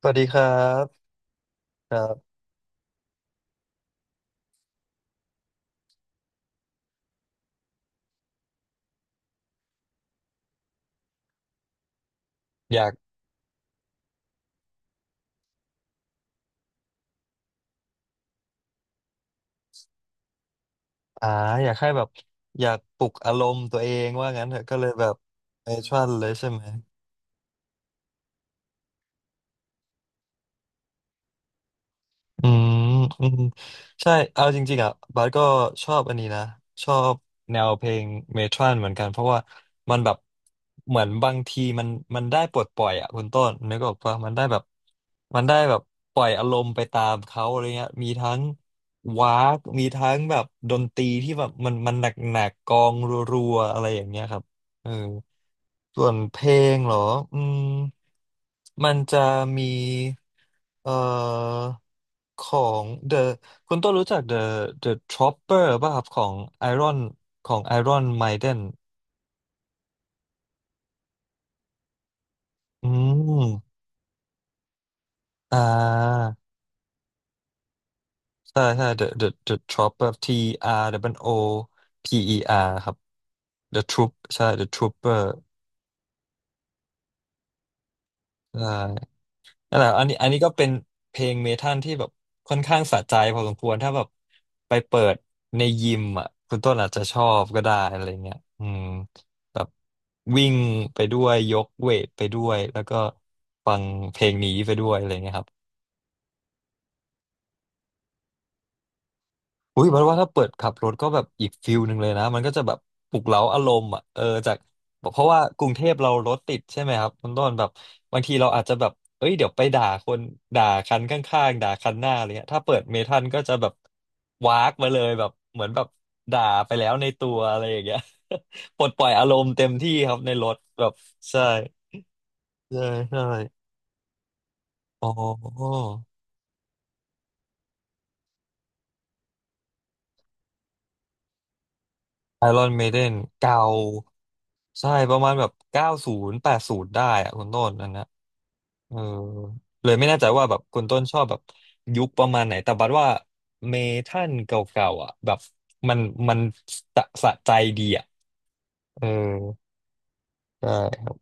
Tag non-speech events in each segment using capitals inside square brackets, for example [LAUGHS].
สวัสดีครับครับอยากอ่าอยากให้แบบอยากปลุกอารมณ์ตัวเองว่างั้นเถอะก็เลยแบบเอชวันเลยใช่ไหม อืมอืมใช่เอาจริงๆอ่ะบาสก็ชอบอันนี้นะชอบแนวเพลงเมทรัลเหมือนกันเพราะว่ามันแบบเหมือนบางทีมันได้ปลดปล่อยอ่ะคุณต้นนึกออกปะมันได้แบบมันได้แบบปล่อยอารมณ์ไปตามเขาอะไรเงี้ยมีทั้งวากมีทั้งแบบดนตรีที่แบบมันหนักๆกกองรัวๆอะไรอย่างเงี้ยครับเออ ส่วนเพลงเหรออืมมันจะมีเอ่อของ The คุณต้นรู้จัก The Chopper ป่ะครับของ Iron ของ Iron Maiden อืม อ่าใช่ใช่ The Trooper TRWOPER ครับ The Troop ใช่ The Trooper ใช่ นั่นแหละอันนี้ก็เป็นเพลงเมทัลที่แบบค่อนข้างสะใจพอสมควร ถ้าแบบไปเปิดในยิมอ่ะคุณต้นอาจจะชอบก็ได้อะไรเงี้ยอืมแบบวิ่งไปด้วยยกเวทไปด้วยแล้วก็ฟังเพลงนี้ไปด้วยอะไรเงี้ยครับ อุ้ยเพราะว่าถ้าเปิดขับรถก็แบบอีกฟิลหนึ่งเลยนะมันก็จะแบบปลุกเร้าอารมณ์อ่ะเออจากเพราะว่ากรุงเทพเรารถติดใช่ไหมครับคุณต้นแบบบางทีเราอาจจะแบบเอ้ยเดี๋ยวไปด่าคนด่าคันข้างๆด่าคันหน้าอะไรเงี้ยถ้าเปิดเมทัลก็จะแบบวากมาเลยแบบเหมือนแบบด่าไปแล้วในตัวอะไรอย่างเงี้ย [LAUGHS] ปลดปล่อยอารมณ์เต็มที่ครับในรถแบบใช่ใช่ใช่อ๋อ ไอรอนเมเดนเก่าใช่ประมาณแบบ90 80ได้อะคุณต้นอันนะเออเลยไม่แน่ใจว่าแบบคุณต้นชอบแบบยุคประมาณไหนแต่บัดว่าเมทัลเก่าๆอ่ะแบบมันมันสะใจดีอ่ะเออใช่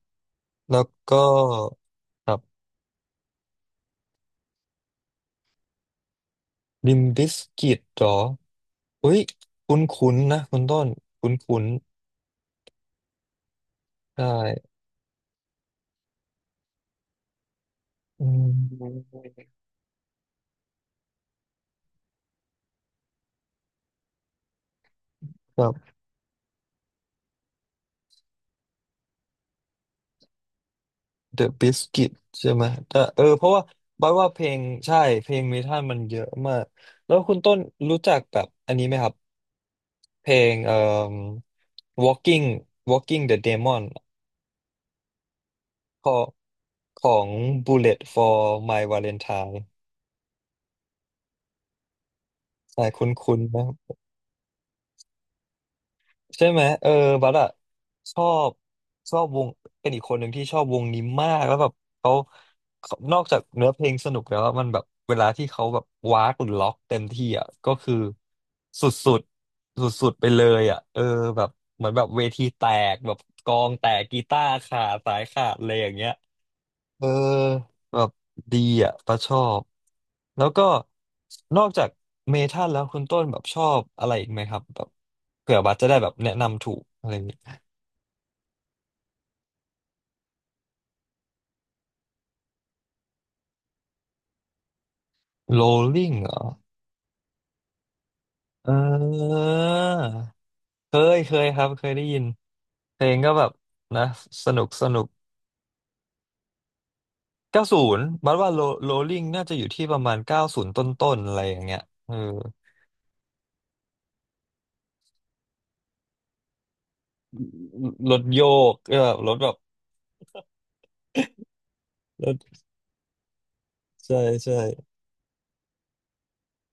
แล้วก็ครับลิมบิสกิตหรออุ้ยคุ้นๆนะคุณต้นคุ้นๆใช่อืมครับ The Biscuit ใช่ไหมแต่เออเพราะว่าบอยว่าเพลงใช่เพลงเมทัลมันเยอะมากแล้วคุณต้นรู้จักแบบอันนี้ไหมครับเพลงWalking Walking the Demon ขอของ Bullet for My Valentine ใช่คุ้นๆไหม ใช่ไหมเออบัสอะชอบชอบวงเป็นอีกคนหนึ่งที่ชอบวงนี้มากแล้วแบบเขาเขานอกจากเนื้อเพลงสนุกแล้วอะมันแบบเวลาที่เขาแบบว้ากหรือล็อกเต็มที่อ่ะก็คือสุดๆสุดๆไปเลยอ่ะเออแบบเหมือนแบบเวทีแตกแบบกลองแตกกีตาร์ขาดสายขาดอะไรอย่างเงี้ย เออแบบดีอ่ะปะชอบแล้วก็นอกจากเมทัลแล้วคุณต้นแบบชอบอะไรอีกไหมครับแบบเผื่อบัสจะได้แบบแนะนำถูกอะไรอย่างเงี้ยโรลลิ่งเหรอเออเคยเคยครับเคยได้ยินเพลงก็แบบนะสนุกสนุกเก้าศูนย์บัสว่าโ o โรลลิ่งน่าจะอยู่ที่ประมาณเก้าศูนย์ต้นๆอะไรอย่างเงี้ยเออรถโยกเออแบบรถแบบรถใช่ใช่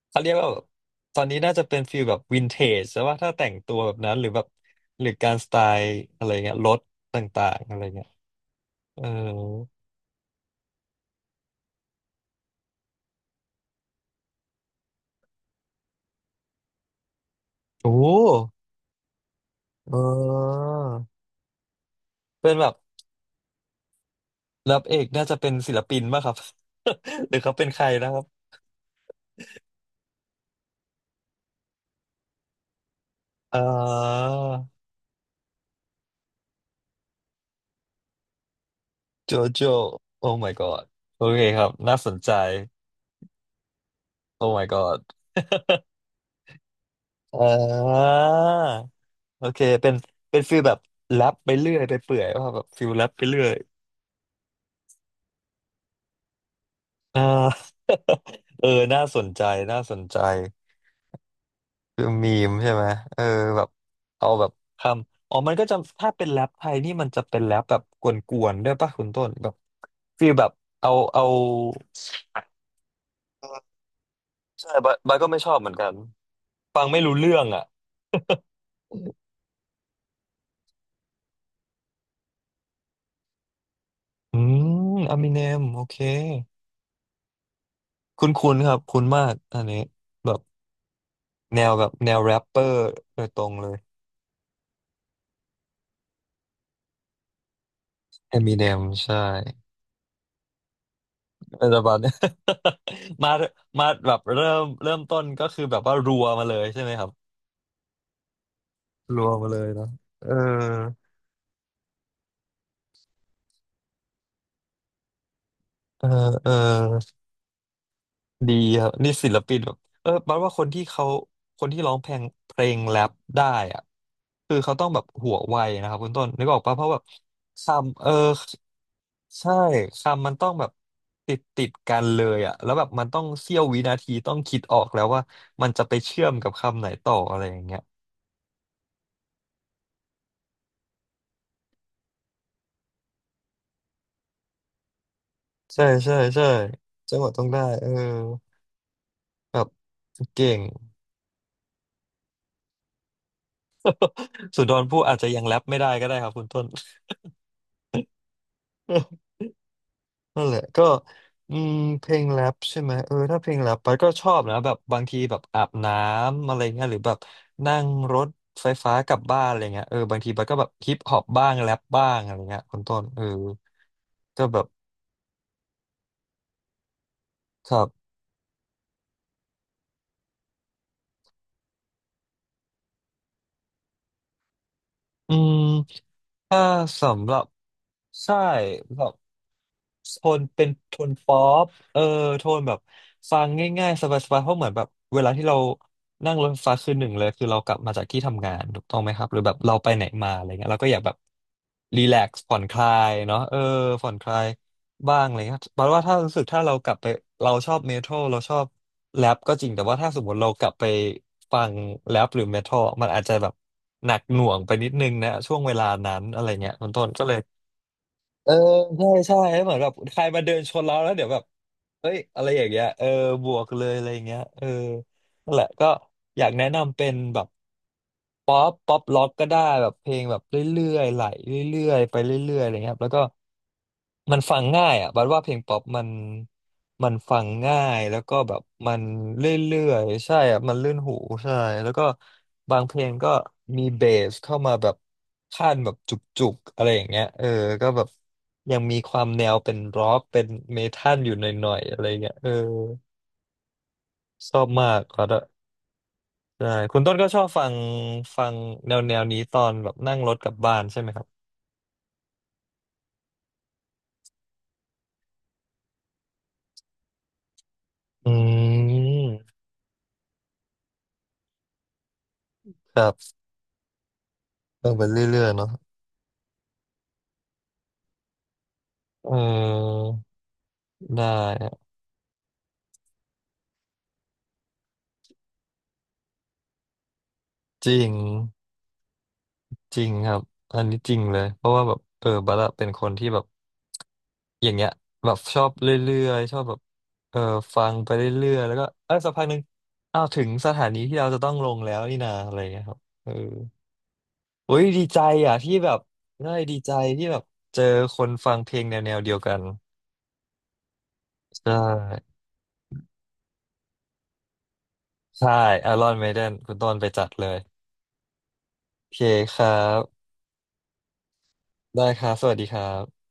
เขาเรียกว่าแบบตอนนี้น่าจะเป็นฟีลแบบวินเทจใช่ว่าถ้าแต่งตัวแบบนั้นหรือแบบหรือการสไตล์อะไรเงี้ยรถต่างๆอะไรเงี้ยเออโอ้เออเป็นแบบรับเอกน่าจะเป็นศิลปินป่ะครับ [LAUGHS] หรือเขาเป็นใครนะครับอ่าโจโจโอ้ Oh my god โอเคครับน่าสนใจโอ้ my god [LAUGHS] อ่าโอเคเป็นเป็นฟีลแบบแรปไปเรื่อยไปเปื่อยว่าแบบฟีลแรปไปเรื่อยอ่า เออ น่าสนใจน่าสนใจคือมีมใช่ไหม เออแบบ เอาแบบคำอ๋อมันก็จะ ถ้าเป็นแรปไทยนี่มันจะเป็นแรปแบบกวนๆ ด้วยป่ะคุณต้นแบบฟีลแบบ เอาเอาใช่บายบายก็ไม่ชอบเหมือนกัน ฟังไม่รู้เรื่องอ่ะ [LAUGHS] อืมอามิเนมโอเค คุ้นคุ้นครับ คุ้นมาก อันนี้ แบบแนวแบบแนวแรปเปอร์โดยตรงเลยอามิเนมใช่ อะไรประมาณเนี้ย [LAUGHS] มามาแบบเริ่มต้นก็คือแบบว่ารัวมาเลยใช่ไหมครับรัวมาเลยเนาะเออเออเออดีครับนี่ศิลปินแบบเออแปลว่าคนที่เขาคนที่ร้องเพลงเพลงแรปได้อะคือเขาต้องแบบหัวไวนะครับคุณต้นนึกออกปะเพราะแบบคำเออใช่คำมันต้องแบบติดกันเลยอะแล้วแบบมันต้องเสี้ยววินาทีต้องคิดออกแล้วว่ามันจะไปเชื่อมกับคำไหนต่ออะไรอย่างเงี้ย ใช่ใช่ใช่จังหวะต้องได้เออแบบเก่งสุดอนผู้อาจจะยังแรปไม่ได้ก็ได้ครับคุณต้น [LAUGHS] นั่นแหละก็อืมเพลงแรปใช่ไหมเออถ้าเพลงแรปไปก็ชอบนะแบบบางทีแบบอาบน้ำอะไรเงี้ยหรือแบบนั่งรถไฟฟ้ากลับบ้านอะไรเงี้ยเออบางทีไปก็แบบฮิปฮอปบ้างแรปบ้างอะไรเงี้ยคุณต้นเออก็แบบครับอืมถ้าสำหรับใช่แบบ โทนเป็นโทนป๊อปเออโทนแบบฟังง่ายๆสบายๆเพราะเหมือนแบบเวลาที่เรานั่งรถไฟฟ้าคือหนึ่งเลยคือเรากลับมาจากที่ทำงานถูกต้องไหมครับหรือแบบเราไปไหนมาอะไรเงี้ยเราก็อยากแบบรีแลกซ์ผ่อนคลายเนาะเออผ่อนคลายบ้างอะไรเงี้ยแปลว่าถ้ารู้สึกถ้าเรากลับไปเราชอบเมทัลเราชอบแรปก็จริงแต่ว่าถ้าสมมติเรากลับไปฟังแรปหรือเมทัลมันอาจจะแบบหนักหน่วงไปนิดนึงนะช่วงเวลานั้นอะไรเงี้ยคุณต้นก็เลย เออใช่ใช่ให้เหมือนแบบใครมาเดินชนเราแล้วเดี๋ยวแบบเฮ้ยอะไรอย่างเงี้ยเออบวกเลยอะไรอย่างเงี้ยเออ นั่นแหละก็อยากแนะนำเป็นแบบป๊อปป๊อปล็อกก็ได้แบบเพลงแบบเรื่อยๆไหลเรื่อยๆไปเรื่อยๆอะไรเงี้ยครับแล้วก็มันฟังง่ายอ่ะบัดว่าเพลงป๊อปมันฟังง่ายแล้วก็แบบมันเรื่อยๆใช่อ่ะมันลื่นหูใช่แล้วก็บางเพลงก็มีเบสเข้ามาแบบขั้นแบบจุกๆอะไรอย่างเงี้ยเออก็แบบยังมีความแนวเป็นร็อกเป็นเมทัลอยู่หน่อยๆอะไรเงี้ยเออชอบมากครับ ใช่คุณต้นก็ชอบฟังฟังแนวนี้ตอนแบบนั่งรถกลับบ้านใช่ไหมครับอืมครับฟังไปเรื่อยๆเนาะเออได้อะจริงจริงครับอันนี้จริงเลยเพราะว่าแบบเออบัลละเป็นคนที่แบบอย่างเงี้ยแบบชอบเรื่อยๆชอบแบบเออฟังไปเรื่อยๆแล้วก็เออสักพักหนึ่งอ้าวถึงสถานีที่เราจะต้องลงแล้วนี่นาอะไรเงี้ยครับเออ อุ้ยดีใจอ่ะที่แบบได้ดีใจที่แบบเจอคนฟังเพลงแนวเดียวกันใช่ใช่ Iron Maiden คุณต้นไปจัดเลยโอเคครับได้ครับสวัสดีครับ